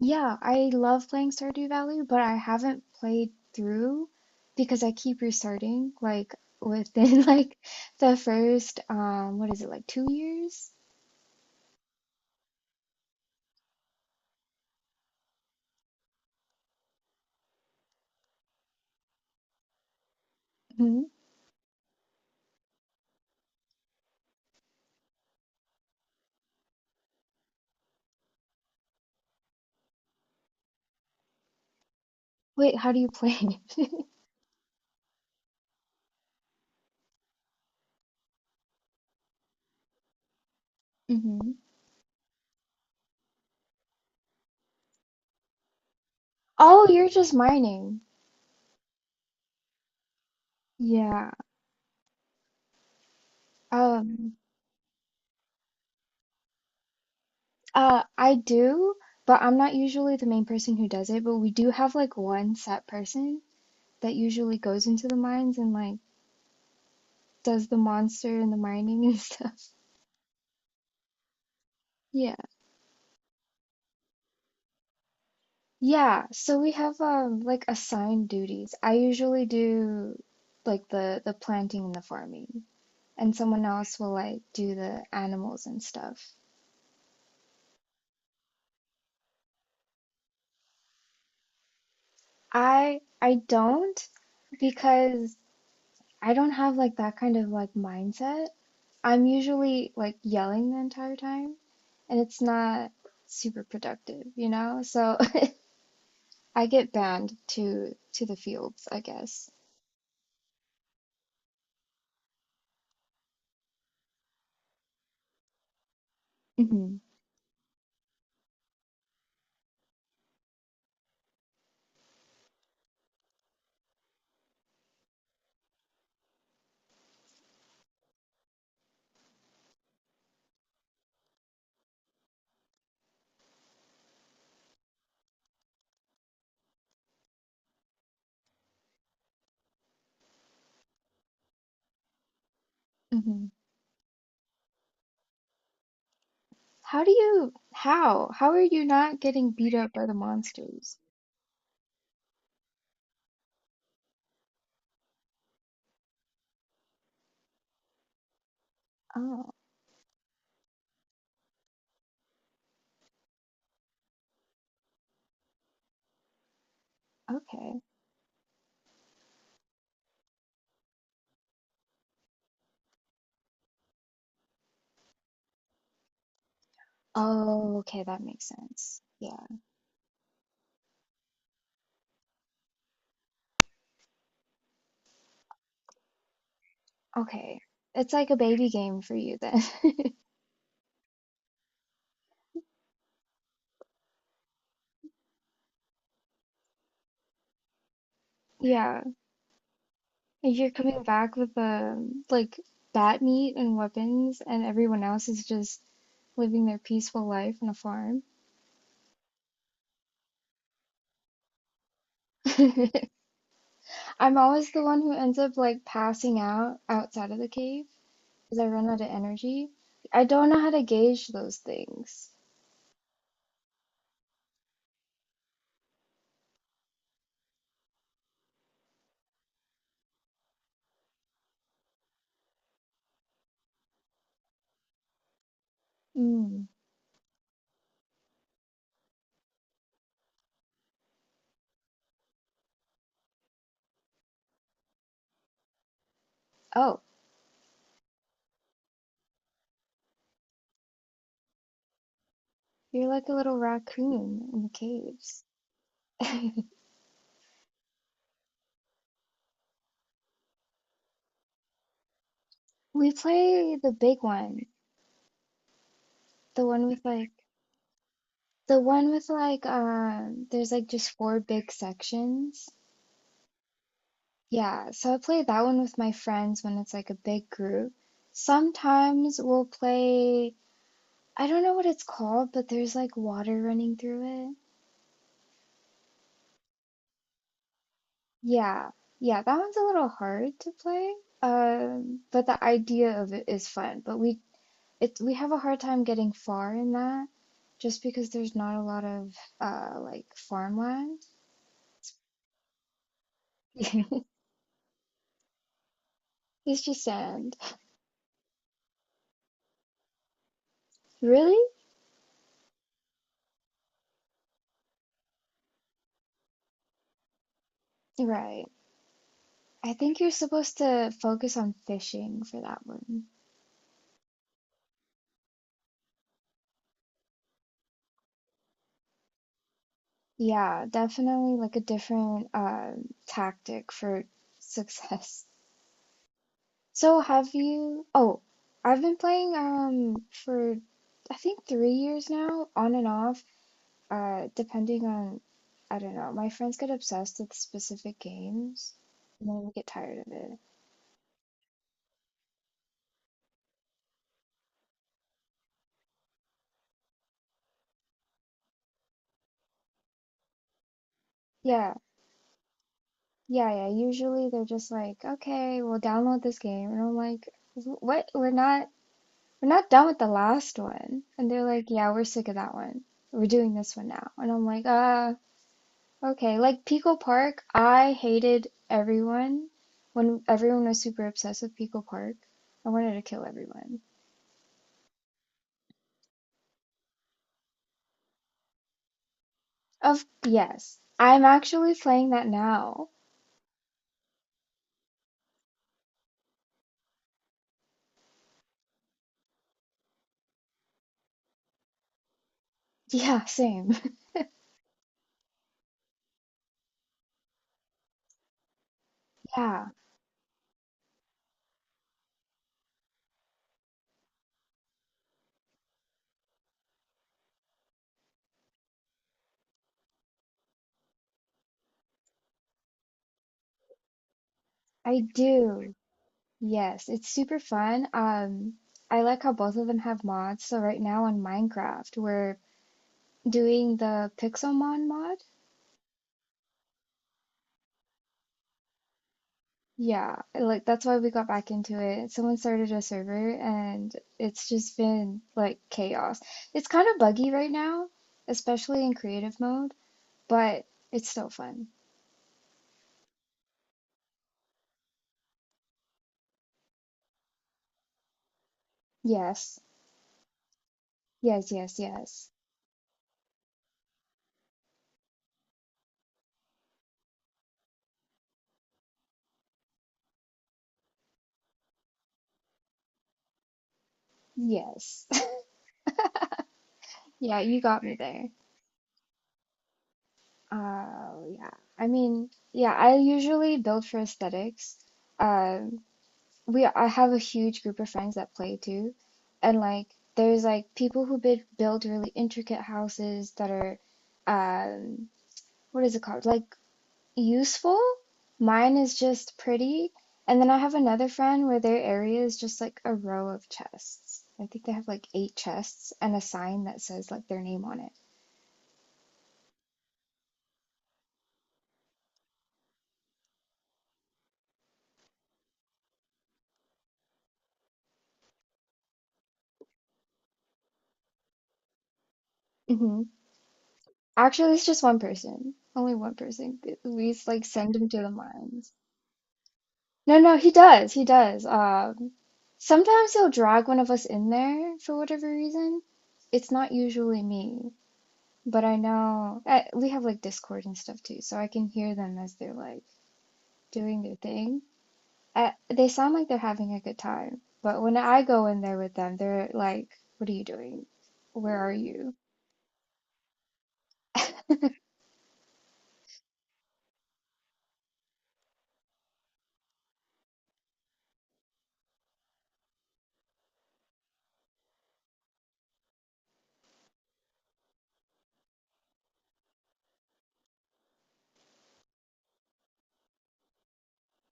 Yeah, I love playing Stardew Valley, but I haven't played through because I keep restarting, like, within like the first what is it, like, 2 years? Hmm. Wait, how do you play it? Hmm. Oh, you're just mining. Yeah. Um I do, but I'm not usually the main person who does it, but we do have like one set person that usually goes into the mines and like does the monster and the mining and stuff. Yeah. Yeah, so we have like assigned duties. I usually do like the planting and the farming, and someone else will like do the animals and stuff. I don't because I don't have like that kind of like mindset. I'm usually like yelling the entire time, and it's not super productive, you know? So I get banned to the fields, I guess. Hmm. Hmm. How do you, how? How are you not getting beat up by the monsters? Oh, okay. Oh, okay, that makes sense. Yeah. Okay. It's like a baby game for you then. Yeah. And you're coming back with like bat meat and weapons and everyone else is just living their peaceful life on a farm. I'm always the one who ends up like passing out outside of the cave because I run out of energy. I don't know how to gauge those things. Mm. Oh, you're like a little raccoon in the caves. We play the big one, the one with like the one with like there's like just four big sections. Yeah, so I play that one with my friends when it's like a big group. Sometimes we'll play, I don't know what it's called, but there's like water running through it. Yeah. Yeah, that one's a little hard to play. But the idea of it is fun. But we have a hard time getting far in that just because there's not a lot of like farmland. It's just sand. Really? Right. I think you're supposed to focus on fishing for that one. Yeah, definitely like a different tactic for success. So have you Oh, I've been playing for I think 3 years now, on and off, depending on I don't know, my friends get obsessed with specific games and then we get tired of it. Yeah. Yeah, yeah. Usually they're just like, "Okay, we'll download this game." And I'm like, "What? We're not done with the last one." And they're like, "Yeah, we're sick of that one. We're doing this one now." And I'm like, okay." Like Pico Park, I hated everyone when everyone was super obsessed with Pico Park. I wanted to kill everyone. Of yes, I'm actually playing that now. Yeah, same. Yeah, I do. Yes, it's super fun. I like how both of them have mods. So right now on Minecraft, we're doing the Pixelmon mod. Yeah, like that's why we got back into it. Someone started a server and it's just been like chaos. It's kind of buggy right now, especially in creative mode, but it's still fun. Yes. Yes, yes, yes. Yes. Yeah, you got me there. Uh, yeah. I mean, yeah, I usually build for aesthetics. Um, we I have a huge group of friends that play too, and like there's like people who build really intricate houses that are, um, what is it called? Like useful. Mine is just pretty, and then I have another friend where their area is just like a row of chests. I think they have like eight chests and a sign that says like their name on it. Mhm. Actually, it's just one person. Only one person. We like send him to the mines. No, no, he does. He does. Sometimes he'll drag one of us in there for whatever reason. It's not usually me, but I know I, we have like Discord and stuff too, so I can hear them as they're like doing their thing. I, they sound like they're having a good time, but when I go in there with them, they're like, "What are you doing? Where are you?"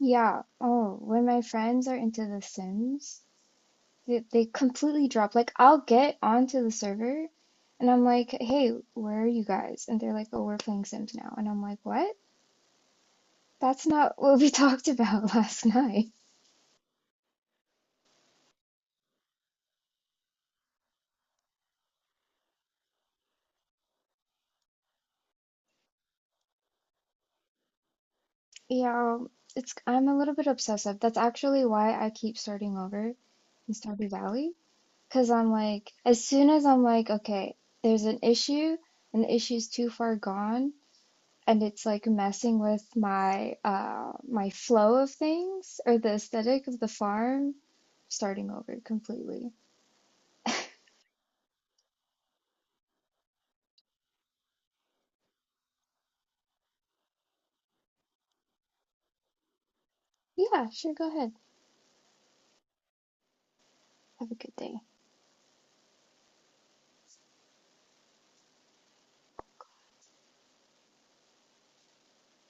Yeah. Oh, when my friends are into The Sims. They completely drop. Like, I'll get onto the server and I'm like, hey, where are you guys? And they're like, oh, we're playing Sims now. And I'm like, what? That's not what we talked about last night. Yeah, it's, I'm a little bit obsessive. That's actually why I keep starting over in Stardew Valley. Because I'm like, as soon as I'm like, okay, there's an issue and the issue's too far gone. And it's like messing with my my flow of things or the aesthetic of the farm, starting over completely. Yeah, sure, go ahead. Have a good day.